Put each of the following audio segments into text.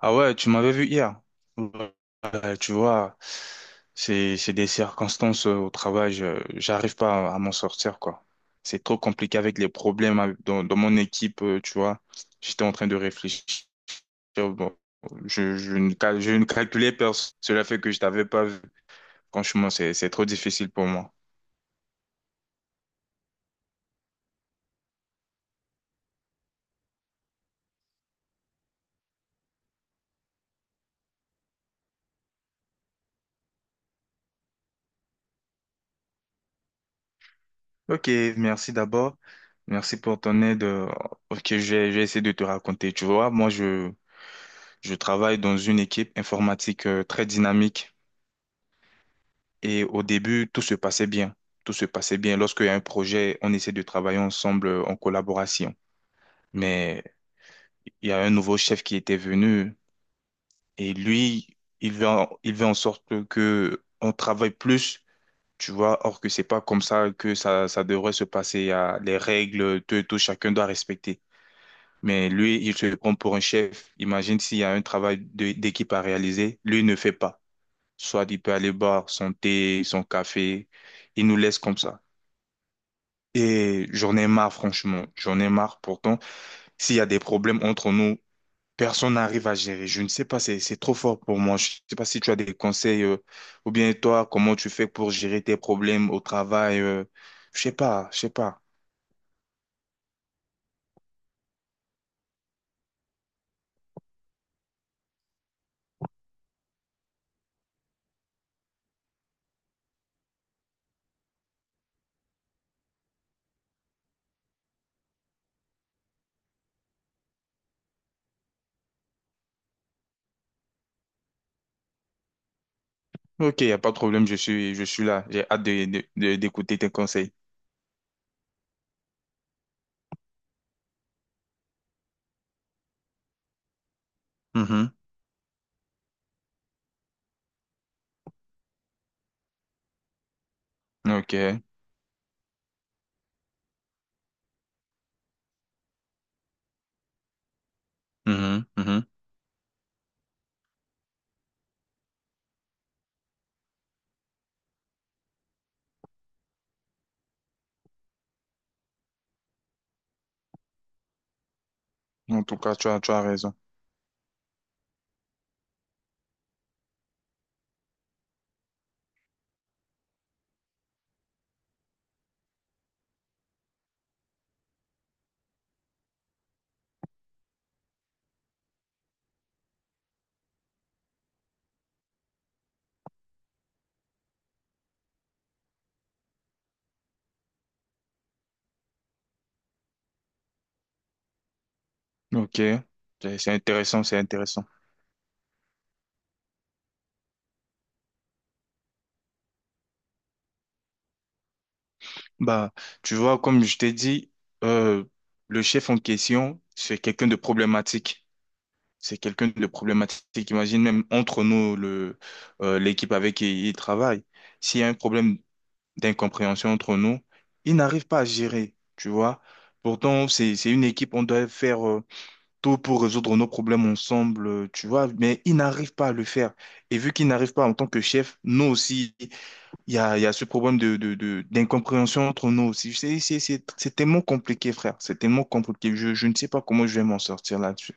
Ah ouais, tu m'avais vu hier. Tu vois, c'est des circonstances au travail, j'arrive pas à, à m'en sortir quoi. C'est trop compliqué avec les problèmes dans, dans mon équipe, tu vois. J'étais en train de réfléchir. Bon, je ne calculais personne. Cela fait que je t'avais pas vu. Franchement, c'est trop difficile pour moi. Ok, merci d'abord. Merci pour ton aide. Ok, j'ai essayé de te raconter. Tu vois, moi, je travaille dans une équipe informatique très dynamique. Et au début, tout se passait bien. Tout se passait bien. Lorsqu'il y a un projet, on essaie de travailler ensemble en collaboration. Mais il y a un nouveau chef qui était venu et lui, il veut en sorte que on travaille plus, tu vois. Or que c'est pas comme ça que ça devrait se passer. Il y a les règles, tout, et tout, chacun doit respecter. Mais lui, il se prend pour un chef. Imagine s'il y a un travail d'équipe à réaliser, lui il ne fait pas. Soit il peut aller boire son thé, son café, il nous laisse comme ça. Et j'en ai marre, franchement. J'en ai marre. Pourtant, s'il y a des problèmes entre nous, personne n'arrive à gérer. Je ne sais pas, c'est trop fort pour moi. Je ne sais pas si tu as des conseils, ou bien toi, comment tu fais pour gérer tes problèmes au travail. Je sais pas, je sais pas. Ok, il n'y a pas de problème, je suis là. J'ai hâte de, d'écouter tes conseils. Mhm. Ok. Mhm, mhm. En tout cas, tu as raison. Ok. C'est intéressant, c'est intéressant. Bah, tu vois, comme je t'ai dit, euh, le chef en question, c'est quelqu'un de problématique. C'est quelqu'un de problématique. Imagine même entre nous, l'équipe avec qui il travaille. S'il y a un problème d'incompréhension entre nous, il n'arrive pas à gérer, tu vois. Pourtant, c'est une équipe, on doit faire tout pour résoudre nos problèmes ensemble, tu vois, mais il n'arrive pas à le faire. Et vu qu'il n'arrive pas en tant que chef, nous aussi, il y a ce problème d'incompréhension entre nous aussi. C'est tellement compliqué, frère. C'est tellement compliqué. Je ne sais pas comment je vais m'en sortir là-dessus.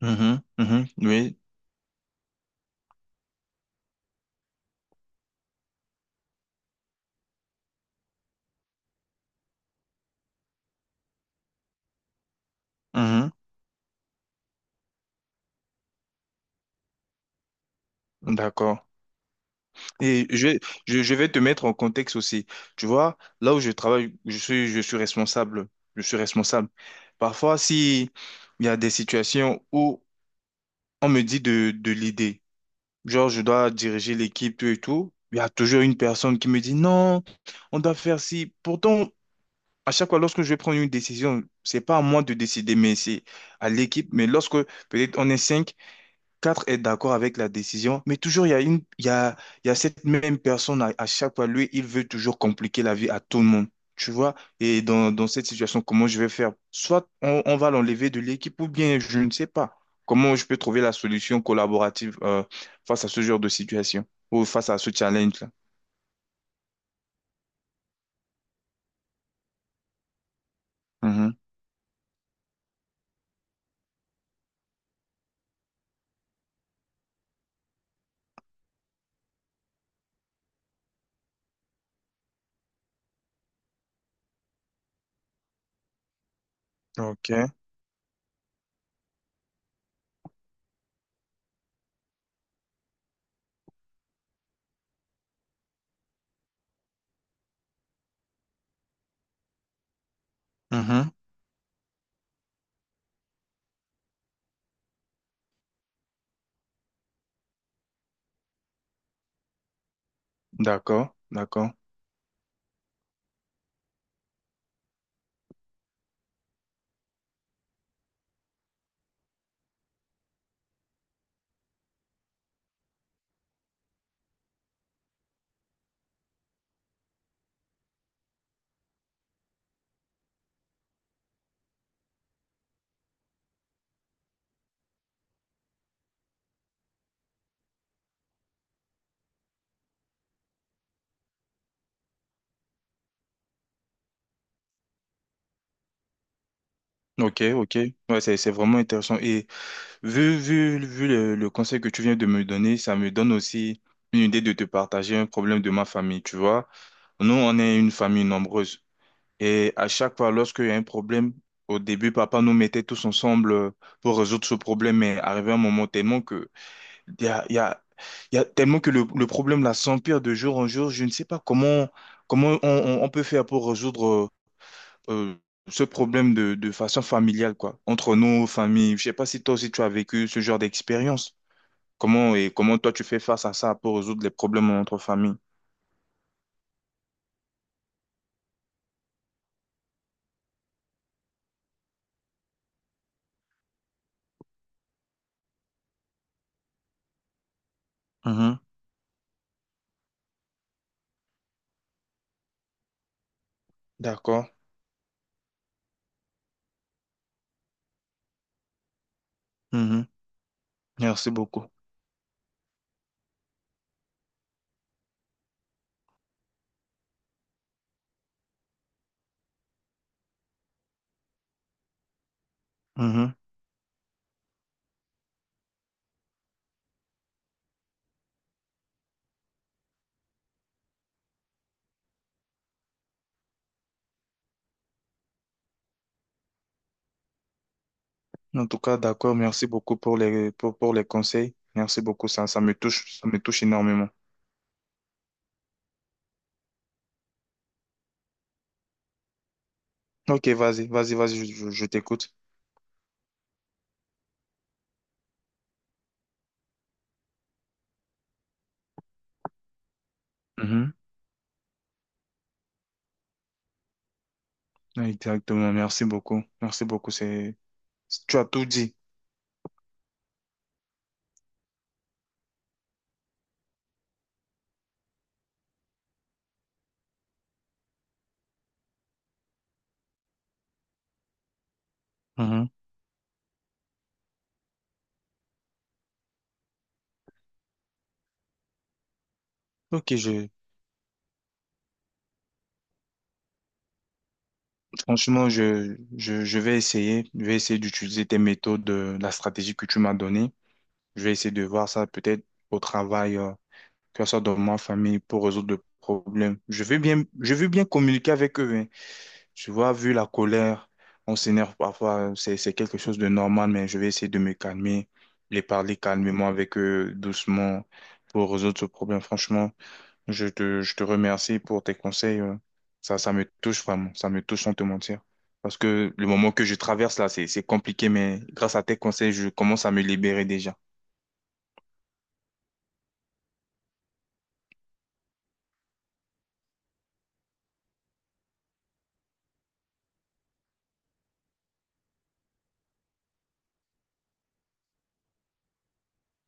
Mhm, mhm, oui, mhm, d'accord. Et je vais te mettre en contexte aussi. Tu vois, là où je travaille, je suis responsable. Je suis responsable. Parfois, si il y a des situations où on me dit de l'idée, genre je dois diriger l'équipe, tout et tout, il y a toujours une personne qui me dit non, on doit faire ci. Pourtant, à chaque fois, lorsque je vais prendre une décision, c'est pas à moi de décider, mais c'est à l'équipe. Mais lorsque peut-être on est cinq, quatre est d'accord avec la décision, mais toujours il y a une, il y a cette même personne à chaque fois. Lui, il veut toujours compliquer la vie à tout le monde. Tu vois? Et dans cette situation, comment je vais faire? Soit on va l'enlever de l'équipe ou bien je ne sais pas. Comment je peux trouver la solution collaborative face à ce genre de situation ou face à ce challenge-là? Mhm. OK. Mhm. D'accord, d'accord. Ok, ok. Ouais, c'est vraiment intéressant. Et vu le conseil que tu viens de me donner, ça me donne aussi une idée de te partager un problème de ma famille, tu vois. Nous, on est une famille nombreuse. Et à chaque fois, lorsqu'il y a un problème, au début, papa nous mettait tous ensemble pour résoudre ce problème. Mais arrivé un moment tellement que, il y a, il y a, il y a tellement que le problème là s'empire de jour en jour. Je ne sais pas comment, comment on on peut faire pour résoudre euh, ce problème de façon familiale, quoi, entre nos familles. Je sais pas si toi aussi tu as vécu ce genre d'expérience. Comment et comment toi tu fais face à ça pour résoudre les problèmes entre familles. Mhm. D'accord. Mhm. Merci beaucoup. Mhm. En tout cas, d'accord. Merci beaucoup pour les conseils. Merci beaucoup. Ça me touche énormément. Ok, vas-y, vas-y, vas-y, je t'écoute. Mhm. Exactement. Merci beaucoup. Merci beaucoup. C'est, tu as tout dit. Mhm. Ok. Franchement, je vais essayer. Je vais essayer d'utiliser tes méthodes, la stratégie que tu m'as donnée. Je vais essayer de voir ça peut-être au travail, que ce soit dans ma famille, pour résoudre le problème. Je veux bien communiquer avec eux, hein. Tu vois, vu la colère, on s'énerve parfois. C'est quelque chose de normal, mais je vais essayer de me calmer, les parler calmement avec eux, doucement, pour résoudre ce problème. Franchement. Je te remercie pour tes conseils. Ça, ça me touche vraiment. Ça me touche sans te mentir. Parce que le moment que je traverse là, c'est compliqué, mais grâce à tes conseils, je commence à me libérer déjà.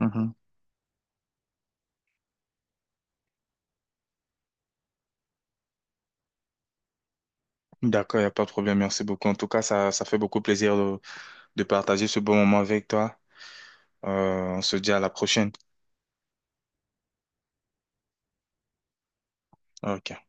Mhm. D'accord, il n'y a pas de problème. Merci beaucoup. En tout cas, ça fait beaucoup plaisir de partager ce bon moment avec toi. On se dit à la prochaine. Ok.